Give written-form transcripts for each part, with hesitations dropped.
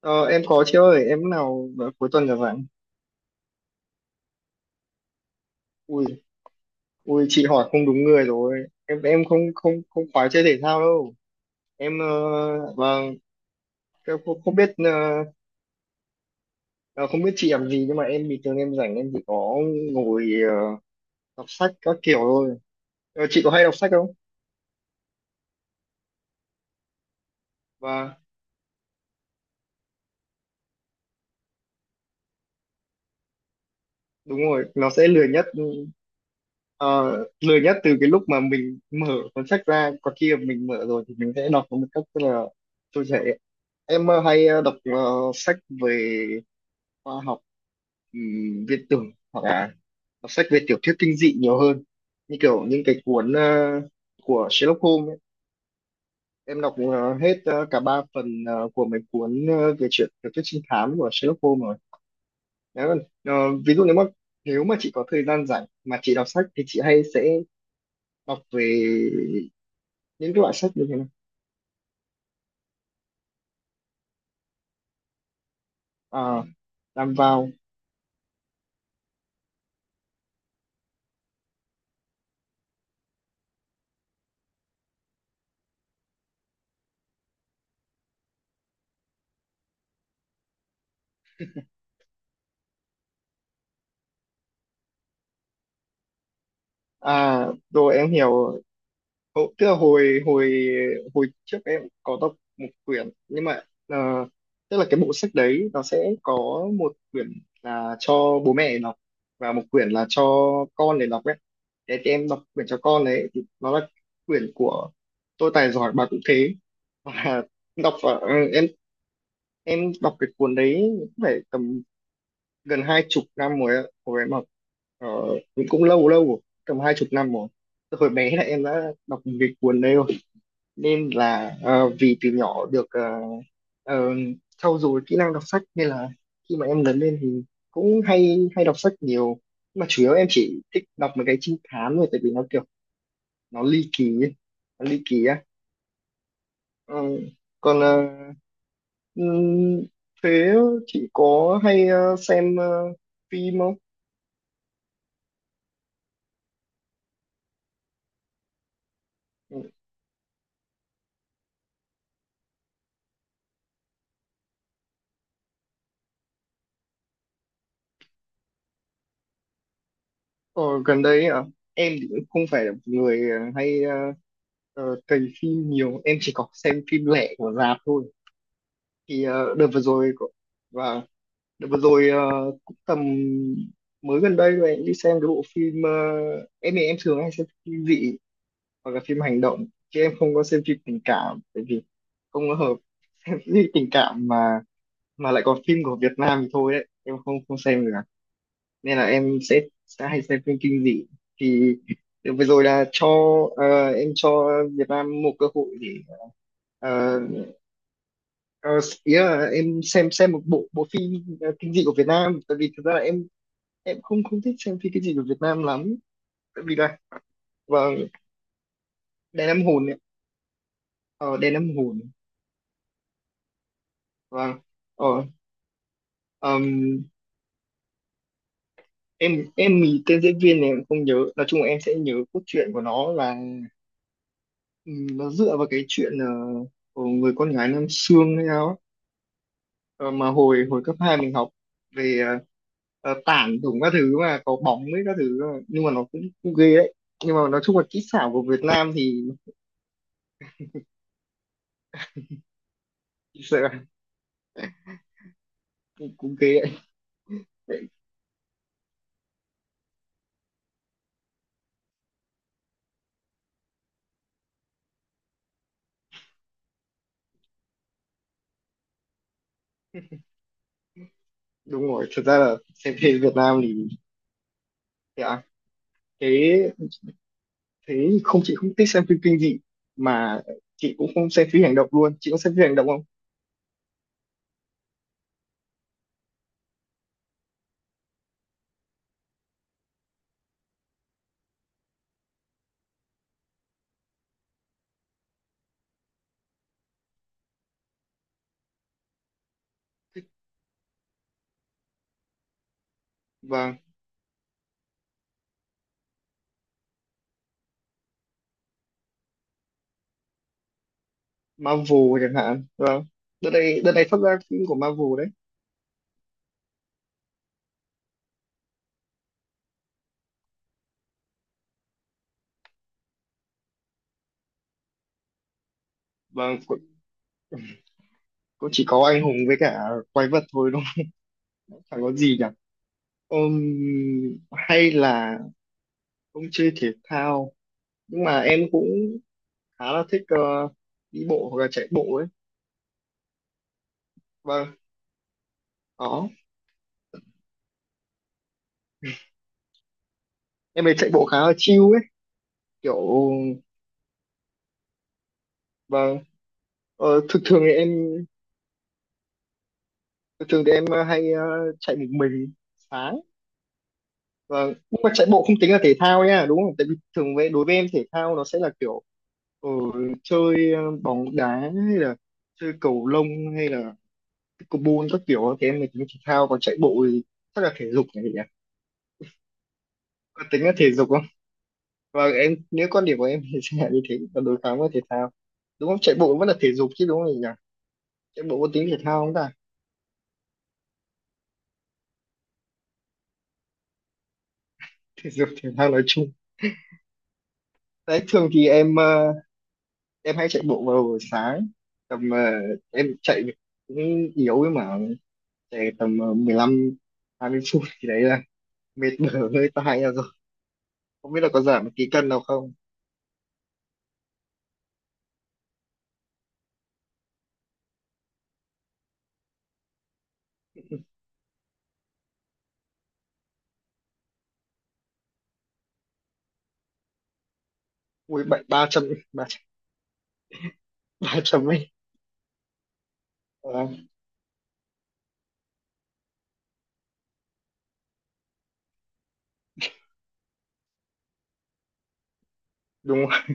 Ờ, em có chị ơi, em lúc nào vào cuối tuần rồi bạn? Ui, ui chị hỏi không đúng người rồi. Em không không không khoái chơi thể thao đâu. Em vâng, em không biết ờ, không biết chị làm gì nhưng mà em bình thường em rảnh em chỉ có ngồi đọc sách các kiểu thôi. Chị có hay đọc sách không? Và đúng rồi, nó sẽ ờ, lười nhất từ cái lúc mà mình mở cuốn sách ra, còn khi mà mình mở rồi thì mình sẽ đọc nó một cách rất là trôi chảy. Em hay đọc sách về khoa học, viết tưởng hoặc là đọc sách về tiểu thuyết kinh dị nhiều hơn, như kiểu những cái cuốn của Sherlock Holmes ấy. Em đọc hết cả ba phần của mấy cuốn về chuyện tiểu thuyết trinh thám của Sherlock Holmes rồi. Nếu còn ví dụ nếu mà chị có thời gian rảnh mà chị đọc sách thì chị hay sẽ đọc về những cái loại sách như thế này. À, làm vào. À, rồi em hiểu. Ồ, tức là hồi hồi hồi trước em có đọc một quyển nhưng mà ờ, tức là cái bộ sách đấy nó sẽ có một quyển là cho bố mẹ đọc và một quyển là cho con để đọc ấy. Thế thì em đọc quyển cho con đấy thì nó là quyển của Tôi tài giỏi bà cũng thế và đọc ở, ừ, em em đọc cái cuốn đấy cũng phải tầm gần 20 năm rồi ạ. Hồi em học ờ, cũng cũng lâu lâu rồi, tầm 20 năm rồi. Từ hồi bé là em đã đọc cái cuốn đấy rồi, nên là vì từ nhỏ được ờ, trau dồi kỹ năng đọc sách nên là khi mà em lớn lên thì cũng hay hay đọc sách nhiều. Nhưng mà chủ yếu em chỉ thích đọc mấy cái trinh thám thôi, tại vì nó kiểu nó ly kỳ ấy. Nó ly kỳ á. Ờ, Còn ừm, thế chị có hay xem phim không? Ừ. Ờ, Gần đây à, em thì cũng không phải là một người hay cày phim nhiều, em chỉ có xem phim lẻ của rạp thôi. Thì và đợt vừa rồi cũng tầm mới gần đây rồi em đi xem cái bộ phim, em thì em thường hay xem phim dị hoặc là phim hành động chứ em không có xem phim tình cảm, tại vì không có hợp. Phim tình cảm mà lại còn phim của Việt Nam thì thôi đấy, em không không xem được à. Nên là em sẽ hay xem phim kinh dị thì đợt vừa rồi là cho em cho Việt Nam một cơ hội để ờ, Ờ, ý là em xem một bộ bộ phim kinh dị của Việt Nam, tại vì thực ra là em không không thích xem phim kinh dị của Việt Nam lắm, tại vì là vâng. Đèn Năm Hồn ấy. Ờ Đèn Năm Hồn. Vâng. ờ ừm, em thì tên diễn viên này em không nhớ, nói chung là em sẽ nhớ cốt truyện của nó là, nó dựa vào cái chuyện của người con gái Nam Xương hay sao á. Ờ, mà hồi hồi cấp 2 mình học về tản đủ các thứ mà có bóng với các thứ mà. Nhưng mà nó cũng ghê đấy, nhưng mà nói chung là kỹ xảo của Việt Nam thì sợ là cũng ghê đấy. Đúng rồi, thật ra là xem phim Việt Nam thì thế à, thế thế thì không, chị không thích xem phim kinh dị mà, chị cũng không xem phim hành động luôn, chị có xem phim hành động không? Vâng. Marvel chẳng hạn, vâng. Đợt này phát ra phim của Marvel đấy. Vâng, cũng cũng chỉ có anh hùng với cả quái vật thôi, đúng không, chẳng có gì nhỉ. Hay là ông chơi thể thao, nhưng mà em cũng khá là thích đi bộ hoặc là chạy bộ ấy. Vâng. Đó. Em ấy chạy bộ khá là chill ấy, kiểu. Vâng. ờ, thường thường thì em Thường thường thì em hay chạy một mình sáng. Vâng, nhưng mà chạy bộ không tính là thể thao nha, đúng không? Tại vì thường đối với em thể thao nó sẽ là kiểu ờ, chơi bóng đá hay là chơi cầu lông hay là pickleball các kiểu thì em mới tính thể thao, còn chạy bộ thì chắc là thể dục nhỉ. Có tính là thể dục không, và em nếu quan điểm của em thì sẽ là như thế, còn đối kháng với thể thao đúng không, chạy bộ cũng vẫn là thể dục chứ đúng không nhỉ? Chạy bộ có tính thể thao không ta? Thể dục thể thao nói chung đấy. Thường thì em hay chạy bộ vào buổi sáng tầm em chạy cũng yếu ấy mà, chạy tầm 15, 20 phút thì đấy là mệt mỏi, hơi tai ra rồi, không biết là có giảm được ký cân nào không. Ui bệnh 300 ba 300 ấy. Ờ, đúng rồi.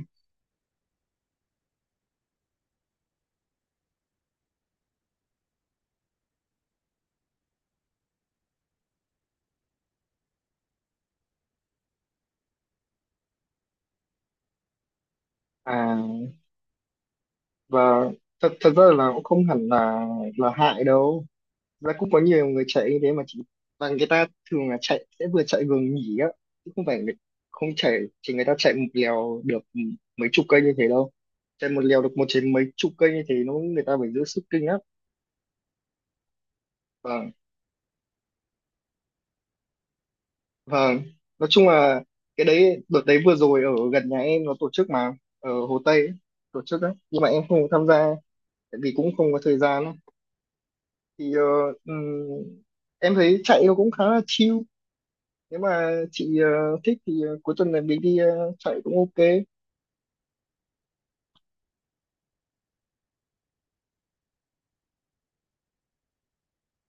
à và thật thật ra là cũng không hẳn là hại đâu. Thật ra cũng có nhiều người chạy như thế mà chỉ, và người ta thường là chạy sẽ vừa chạy vừa nghỉ á, chứ không phải không chạy chỉ, người ta chạy một lèo được mấy chục cây như thế đâu. Chạy một lèo được một trên mấy chục cây như thế nó, người ta phải giữ sức kinh lắm. Vâng, vâng, nói chung là cái đấy đợt đấy vừa rồi ở gần nhà em nó tổ chức mà, ở Hồ Tây ấy, tổ chức đấy nhưng mà em không có tham gia tại vì cũng không có thời gian ấy. thì ờ, ừm, em thấy chạy nó cũng khá là chill, nếu mà chị thích thì cuối tuần này mình đi chạy cũng ok.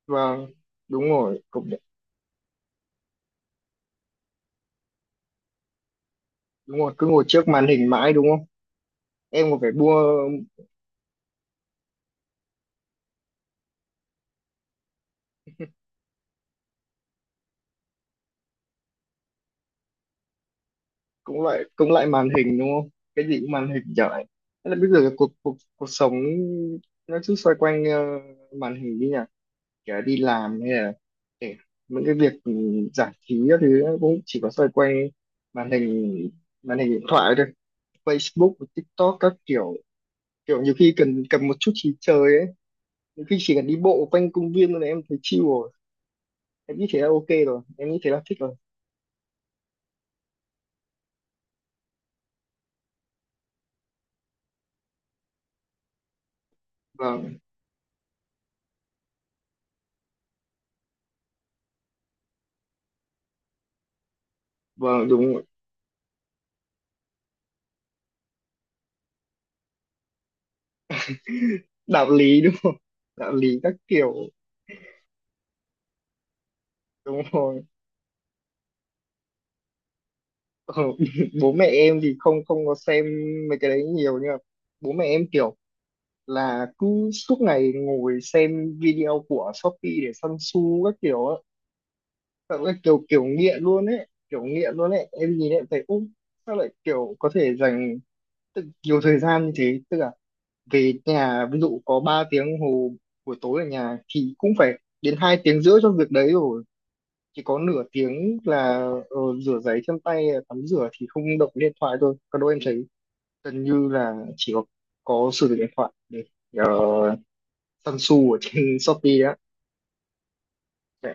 Vâng, đúng rồi cũng, đúng rồi, cứ ngồi trước màn hình mãi đúng không? Em còn phải mua. Cũng lại màn hình đúng không, cái gì cũng màn hình trở. Thế là bây giờ cuộc cuộc cuộc sống nó cứ xoay quanh màn hình đi nhỉ, kể là đi làm hay là kể những cái việc giải trí các thứ cũng chỉ có xoay quanh màn hình, màn hình điện thoại thôi, Facebook TikTok các kiểu, kiểu nhiều khi cần cần một chút trí chơi ấy. Nhiều khi chỉ cần đi bộ quanh công viên thôi là em thấy chill rồi. Em nghĩ thế là ok rồi. Em nghĩ thế là thích rồi. Vâng, vâng, đúng rồi. Đạo lý đúng không? Đạo lý các kiểu. Đúng rồi. Ờ, bố mẹ em thì không không có xem mấy cái đấy nhiều, nhưng mà bố mẹ em kiểu là cứ suốt ngày ngồi xem video của Shopee để săn xu các kiểu á. Thật là kiểu kiểu nghiện luôn ấy. Kiểu nghiện luôn ấy. Em nhìn em thấy ú, sao lại kiểu có thể dành nhiều thời gian như thế. Tức là về nhà ví dụ có 3 tiếng hồ buổi tối ở nhà thì cũng phải đến 2 tiếng rưỡi cho việc đấy rồi, chỉ có nửa tiếng là rửa giấy chân tay tắm rửa thì không động điện thoại thôi, còn đâu em thấy gần như là có sử dụng điện thoại để uh, săn su ở trên Shopee á. Đấy.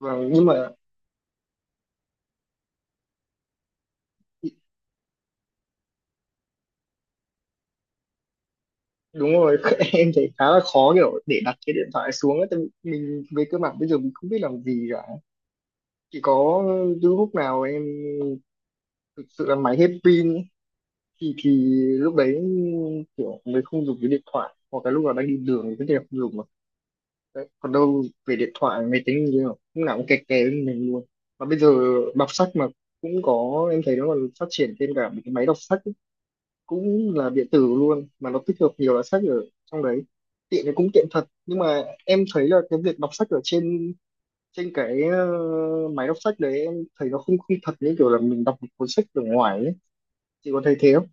Nhưng mà đúng rồi, em thấy khá là khó kiểu để đặt cái điện thoại xuống á, tại vì mình về cơ bản bây giờ mình không biết làm gì cả. Chỉ có những lúc nào em thực sự là máy hết pin thì lúc đấy kiểu mới không dùng cái điện thoại, hoặc cái lúc nào đang đi đường thì tất nhiên là không dùng mà, đấy. Còn đâu về điện thoại máy tính như thế nào lúc nào cũng kè kè với mình luôn, mà bây giờ đọc sách mà cũng có, em thấy nó còn phát triển thêm cả một cái máy đọc sách ấy. Cũng là điện tử luôn mà nó tích hợp nhiều loại sách ở trong đấy, tiện thì cũng tiện thật, nhưng mà em thấy là cái việc đọc sách ở trên trên cái máy đọc sách đấy em thấy nó không không thật như kiểu là mình đọc một cuốn sách ở ngoài ấy, chị có thấy thế không?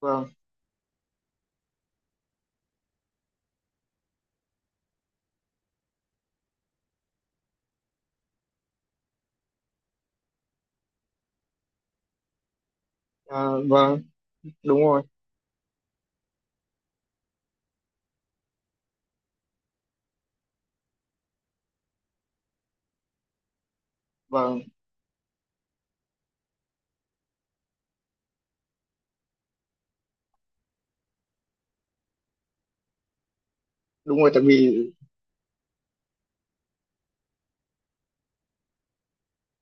Vâng. À, vâng đúng rồi. Vâng đúng rồi tại vì.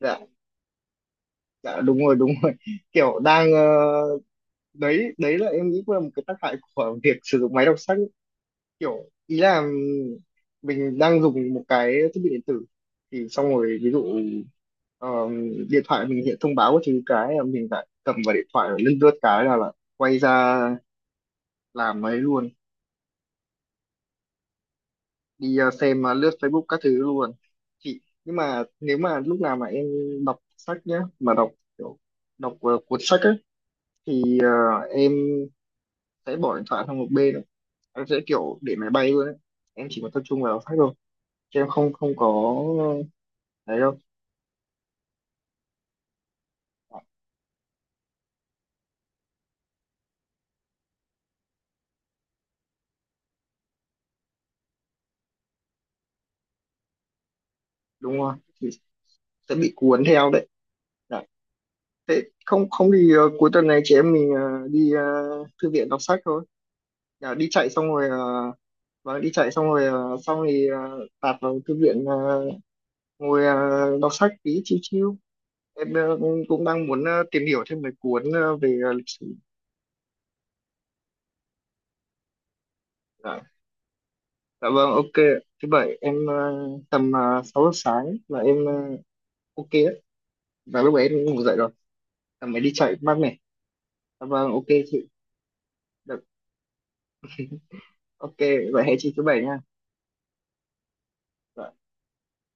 Dạ. Dạ đúng rồi đúng rồi, kiểu đang đấy, là em nghĩ cũng là một cái tác hại của việc sử dụng máy đọc sách ấy, kiểu ý là mình đang dùng một cái thiết bị điện tử thì xong rồi, ví dụ ờ, điện thoại mình hiện thông báo của thứ cái là mình lại cầm vào điện thoại rồi lướt lướt cái là lại quay ra làm ấy luôn, đi xem lướt Facebook các thứ luôn. Chị nhưng mà nếu mà lúc nào mà em đọc sách nhá, mà kiểu đọc cuốn sách ấy, thì em sẽ bỏ điện thoại sang một bên, em sẽ kiểu để máy bay luôn ấy. Em chỉ có tập trung vào sách thôi, chứ em không không có đấy đâu. Dạ, đúng rồi, thì sẽ bị cuốn theo đấy. Dạ. Thế không không thì cuối tuần này chị em mình đi thư viện đọc sách thôi. Dạ, đi chạy xong rồi đi chạy xong rồi xong thì tạt vào thư viện ngồi đọc sách tí chiêu chill. Em cũng đang muốn tìm hiểu thêm mấy cuốn về lịch sử. Dạ. Dạ vâng, ok. Thứ bảy em tầm 6 giờ sáng là em ok đấy. Và lúc ấy em ngủ dậy rồi. Tầm mới đi chạy mát mẻ. Dạ vâng, ok chị. Được. Ok, vậy hẹn chị thứ bảy nha. Dạ.